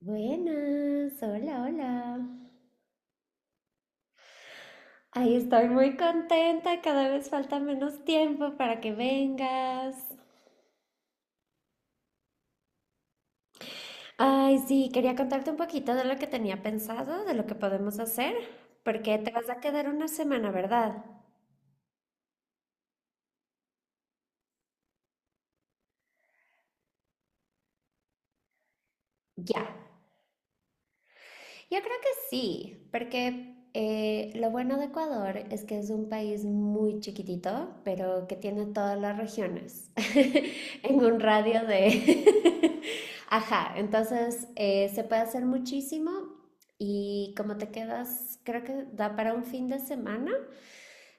Buenas, hola, hola. Ay, estoy muy contenta, cada vez falta menos tiempo para que vengas. Ay, sí, quería contarte un poquito de lo que tenía pensado, de lo que podemos hacer, porque te vas a quedar una semana, ¿verdad? Ya. Yo creo que sí, porque lo bueno de Ecuador es que es un país muy chiquitito, pero que tiene todas las regiones en un radio de. Ajá, entonces se puede hacer muchísimo y como te quedas, creo que da para un fin de semana,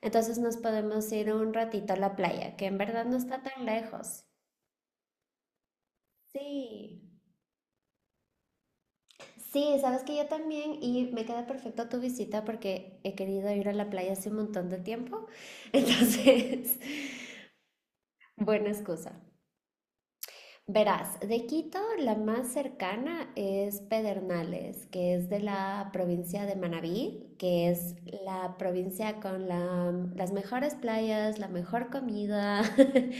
entonces nos podemos ir un ratito a la playa, que en verdad no está tan lejos. Sí. Sí, sabes que yo también y me queda perfecto tu visita porque he querido ir a la playa hace un montón de tiempo. Entonces, buena excusa. Verás, de Quito la más cercana es Pedernales, que es de la provincia de Manabí, que es la provincia con las mejores playas, la mejor comida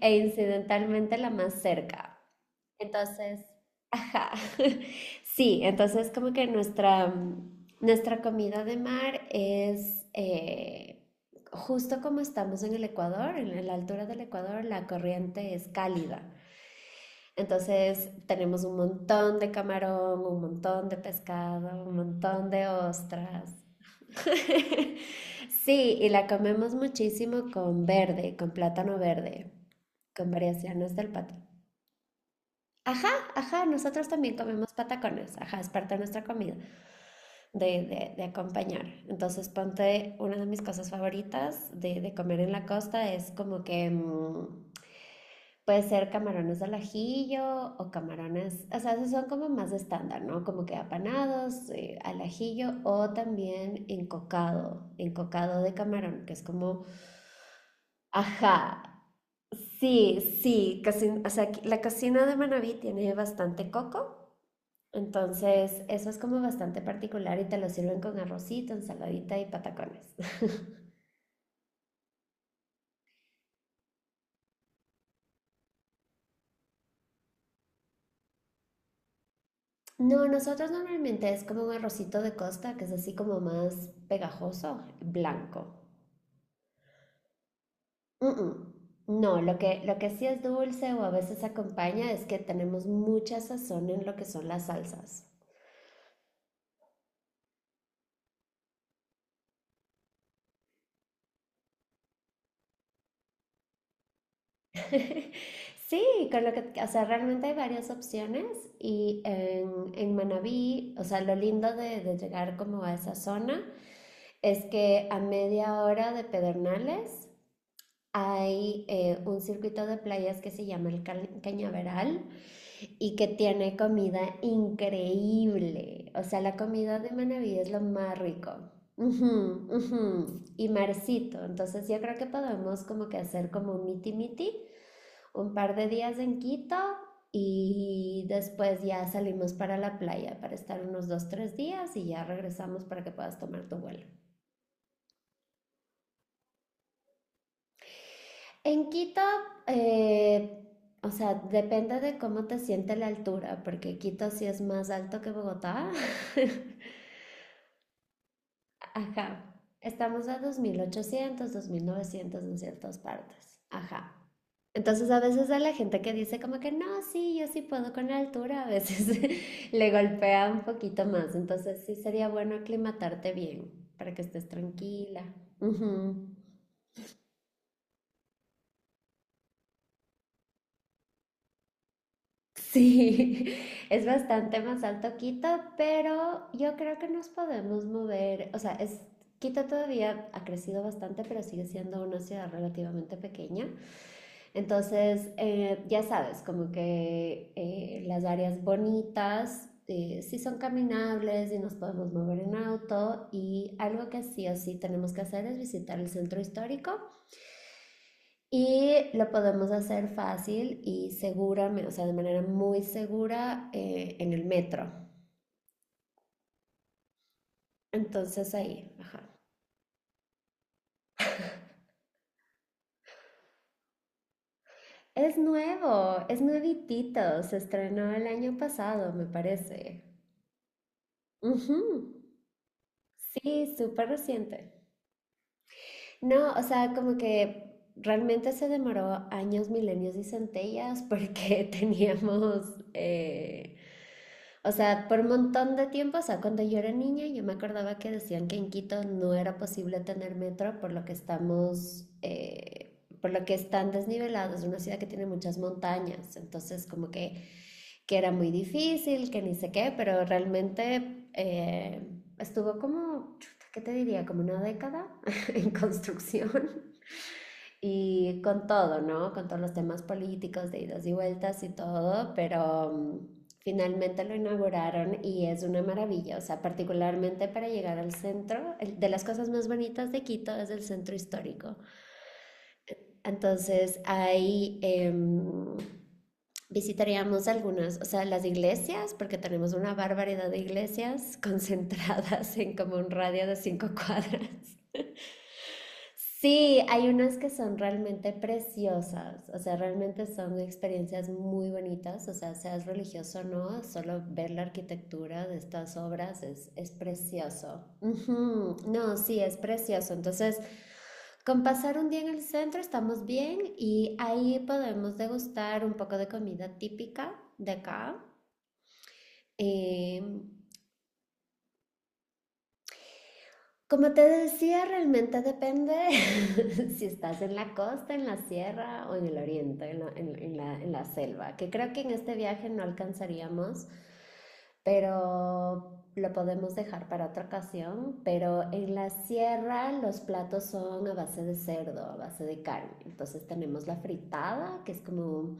e incidentalmente la más cerca. Entonces, ajá. Sí, entonces como que nuestra comida de mar es justo como estamos en el Ecuador, en la altura del Ecuador, la corriente es cálida. Entonces tenemos un montón de camarón, un montón de pescado, un montón de ostras. Sí, y la comemos muchísimo con verde, con plátano verde, con variaciones del plátano. Ajá, ajá, nosotros también comemos patacones, ajá, es parte de nuestra comida, de acompañar. Entonces, ponte una de mis cosas favoritas de comer en la costa es como que puede ser camarones al ajillo o camarones, o sea, esos son como más estándar, ¿no? Como que apanados, al ajillo o también encocado, encocado de camarón, que es como, ajá, sí, sí, casi, o sea, la cocina de Manaví tiene bastante coco. Entonces, eso es como bastante particular y te lo sirven con arrocito, ensaladita y patacones. No, nosotros normalmente es como un arrocito de costa, que es así como más pegajoso, blanco. Mm, mm. No, lo que sí es dulce o a veces acompaña es que tenemos mucha sazón en lo que son las salsas. Sí, con lo que, o sea, realmente hay varias opciones y en Manabí, o sea, lo lindo de llegar como a esa zona es que a media hora de Pedernales hay un circuito de playas que se llama el Cañaveral y que tiene comida increíble. O sea, la comida de Manaví es lo más rico. Ujú, ujú. Y Marcito, entonces yo creo que podemos como que hacer como un miti miti, un par de días en Quito y después ya salimos para la playa para estar unos 2, 3 días y ya regresamos para que puedas tomar tu vuelo. En Quito, eh, o sea, depende de cómo te siente la altura, porque Quito sí es más alto que Bogotá. Ajá. Estamos a dos mil ochocientos, 2.900 en ciertas partes. Ajá. Entonces a veces a la gente que dice como que no, sí, yo sí puedo con la altura, a veces le golpea un poquito más. Entonces sí sería bueno aclimatarte bien para que estés tranquila. Ujú. Sí, es bastante más alto Quito, pero yo creo que nos podemos mover. O sea, Quito todavía ha crecido bastante, pero sigue siendo una ciudad relativamente pequeña. Entonces, ya sabes, como que las áreas bonitas sí son caminables y nos podemos mover en auto. Y algo que sí o sí tenemos que hacer es visitar el centro histórico y lo podemos hacer fácil y seguramente, o sea, de manera muy segura en el metro. Entonces ahí, ajá. Es nuevo, es nuevitito, se estrenó el año pasado, me parece. Ujú, sí, súper reciente. No, o sea, como que realmente se demoró años, milenios y centellas porque teníamos eh, o sea, por un montón de tiempo, o sea, cuando yo era niña, yo me acordaba que decían que en Quito no era posible tener metro por lo que es tan desnivelado, es una ciudad que tiene muchas montañas, entonces como que era muy difícil, que ni sé qué, pero realmente estuvo como, chuta, ¿qué te diría? Como una década en construcción y con todo, ¿no? Con todos los temas políticos de idas y vueltas y todo, pero finalmente lo inauguraron y es una maravilla. O sea, particularmente para llegar al centro, de las cosas más bonitas de Quito es el centro histórico. Entonces, ahí visitaríamos algunas, o sea, las iglesias, porque tenemos una barbaridad de iglesias concentradas en como un radio de cinco cuadras. Sí, hay unas que son realmente preciosas, o sea, realmente son experiencias muy bonitas, o sea, seas religioso o no, solo ver la arquitectura de estas obras es precioso. Ujú, no, sí, es precioso. Entonces, con pasar un día en el centro estamos bien y ahí podemos degustar un poco de comida típica de acá. em, Como te decía, realmente depende si estás en la costa, en la sierra o en el oriente, en la selva, que creo que en este viaje no alcanzaríamos, pero lo podemos dejar para otra ocasión. Pero en la sierra los platos son a base de cerdo, a base de carne. Entonces tenemos la fritada, que es como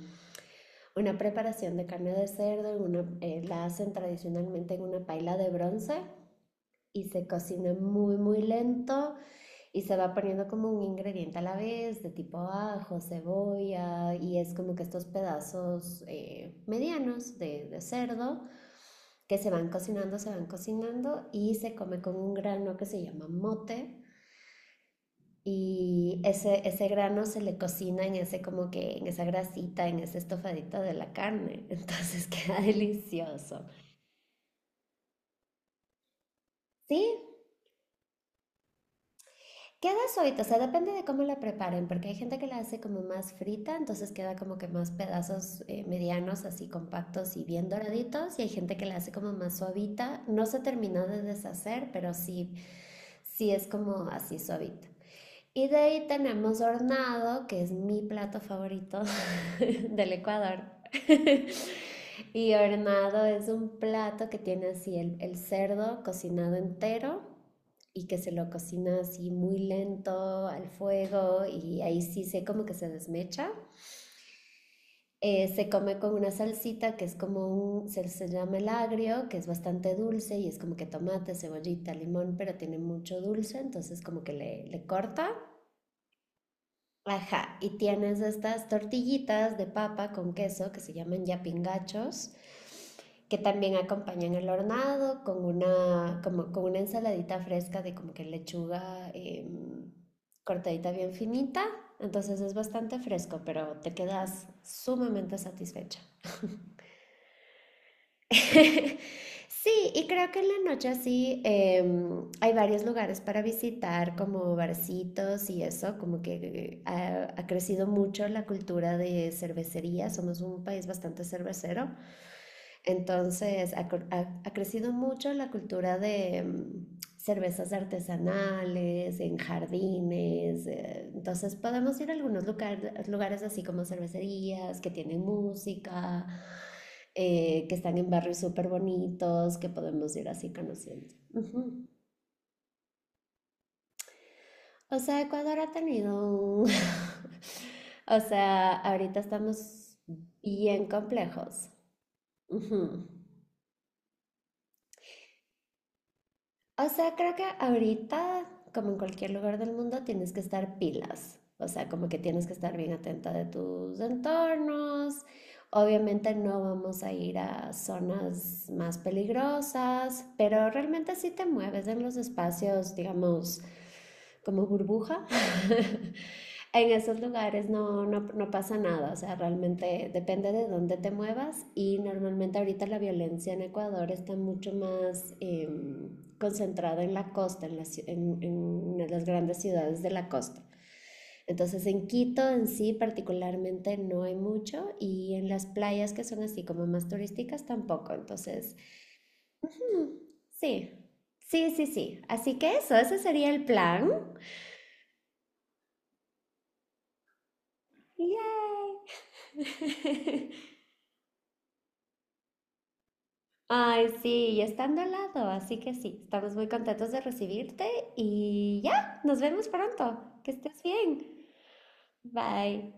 una preparación de carne de cerdo, la hacen tradicionalmente en una paila de bronce y se cocina muy, muy lento. Y se va poniendo como un ingrediente a la vez, de tipo ajo, cebolla, y es como que estos pedazos medianos de cerdo que se van cocinando y se come con un grano que se llama mote. Y ese grano se le cocina en ese como que, en esa grasita, en ese estofadito de la carne. Entonces queda delicioso. Sí, queda suavita, o sea, depende de cómo la preparen, porque hay gente que la hace como más frita, entonces queda como que más pedazos medianos, así compactos y bien doraditos, y hay gente que la hace como más suavita. No se terminó de deshacer, pero sí, sí es como así suavita. Y de ahí tenemos hornado, que es mi plato favorito del Ecuador. Y hornado es un plato que tiene así el cerdo cocinado entero y que se lo cocina así muy lento al fuego y ahí sí se como que se desmecha. Se come con una salsita que es como se llama el agrio, que es bastante dulce y es como que tomate, cebollita, limón, pero tiene mucho dulce, entonces como que le corta. Ajá, y tienes estas tortillitas de papa con queso que se llaman yapingachos, que también acompañan el hornado con una ensaladita fresca de como que lechuga cortadita bien finita. Entonces es bastante fresco, pero te quedas sumamente satisfecha. Sí, y creo que en la noche así hay varios lugares para visitar, como barcitos y eso, como que ha crecido mucho la cultura de cervecería, somos un país bastante cervecero, entonces ha crecido mucho la cultura de cervezas artesanales, en jardines, entonces podemos ir a algunos lugares así como cervecerías que tienen música que están en barrios súper bonitos, que podemos ir así conociendo. Ujú. O sea, Ecuador ha tenido un- O sea, ahorita estamos bien complejos. Ujú. O sea, creo que ahorita, como en cualquier lugar del mundo, tienes que estar pilas. O sea, como que tienes que estar bien atenta de tus entornos. Obviamente no vamos a ir a zonas más peligrosas, pero realmente sí te mueves en los espacios, digamos, como burbuja. En esos lugares no, no, no pasa nada, o sea, realmente depende de dónde te muevas y normalmente ahorita la violencia en Ecuador está mucho más concentrada en la costa, en las grandes ciudades de la costa. Entonces en Quito en sí particularmente no hay mucho y en las playas que son así como más turísticas tampoco, entonces mm, sí, sí, sí, sí. Así que ese sería el plan. ¡Yay! Ay, sí, y estando al lado, así que sí, estamos muy contentos de recibirte y ya, nos vemos pronto. Que estés bien. Bye.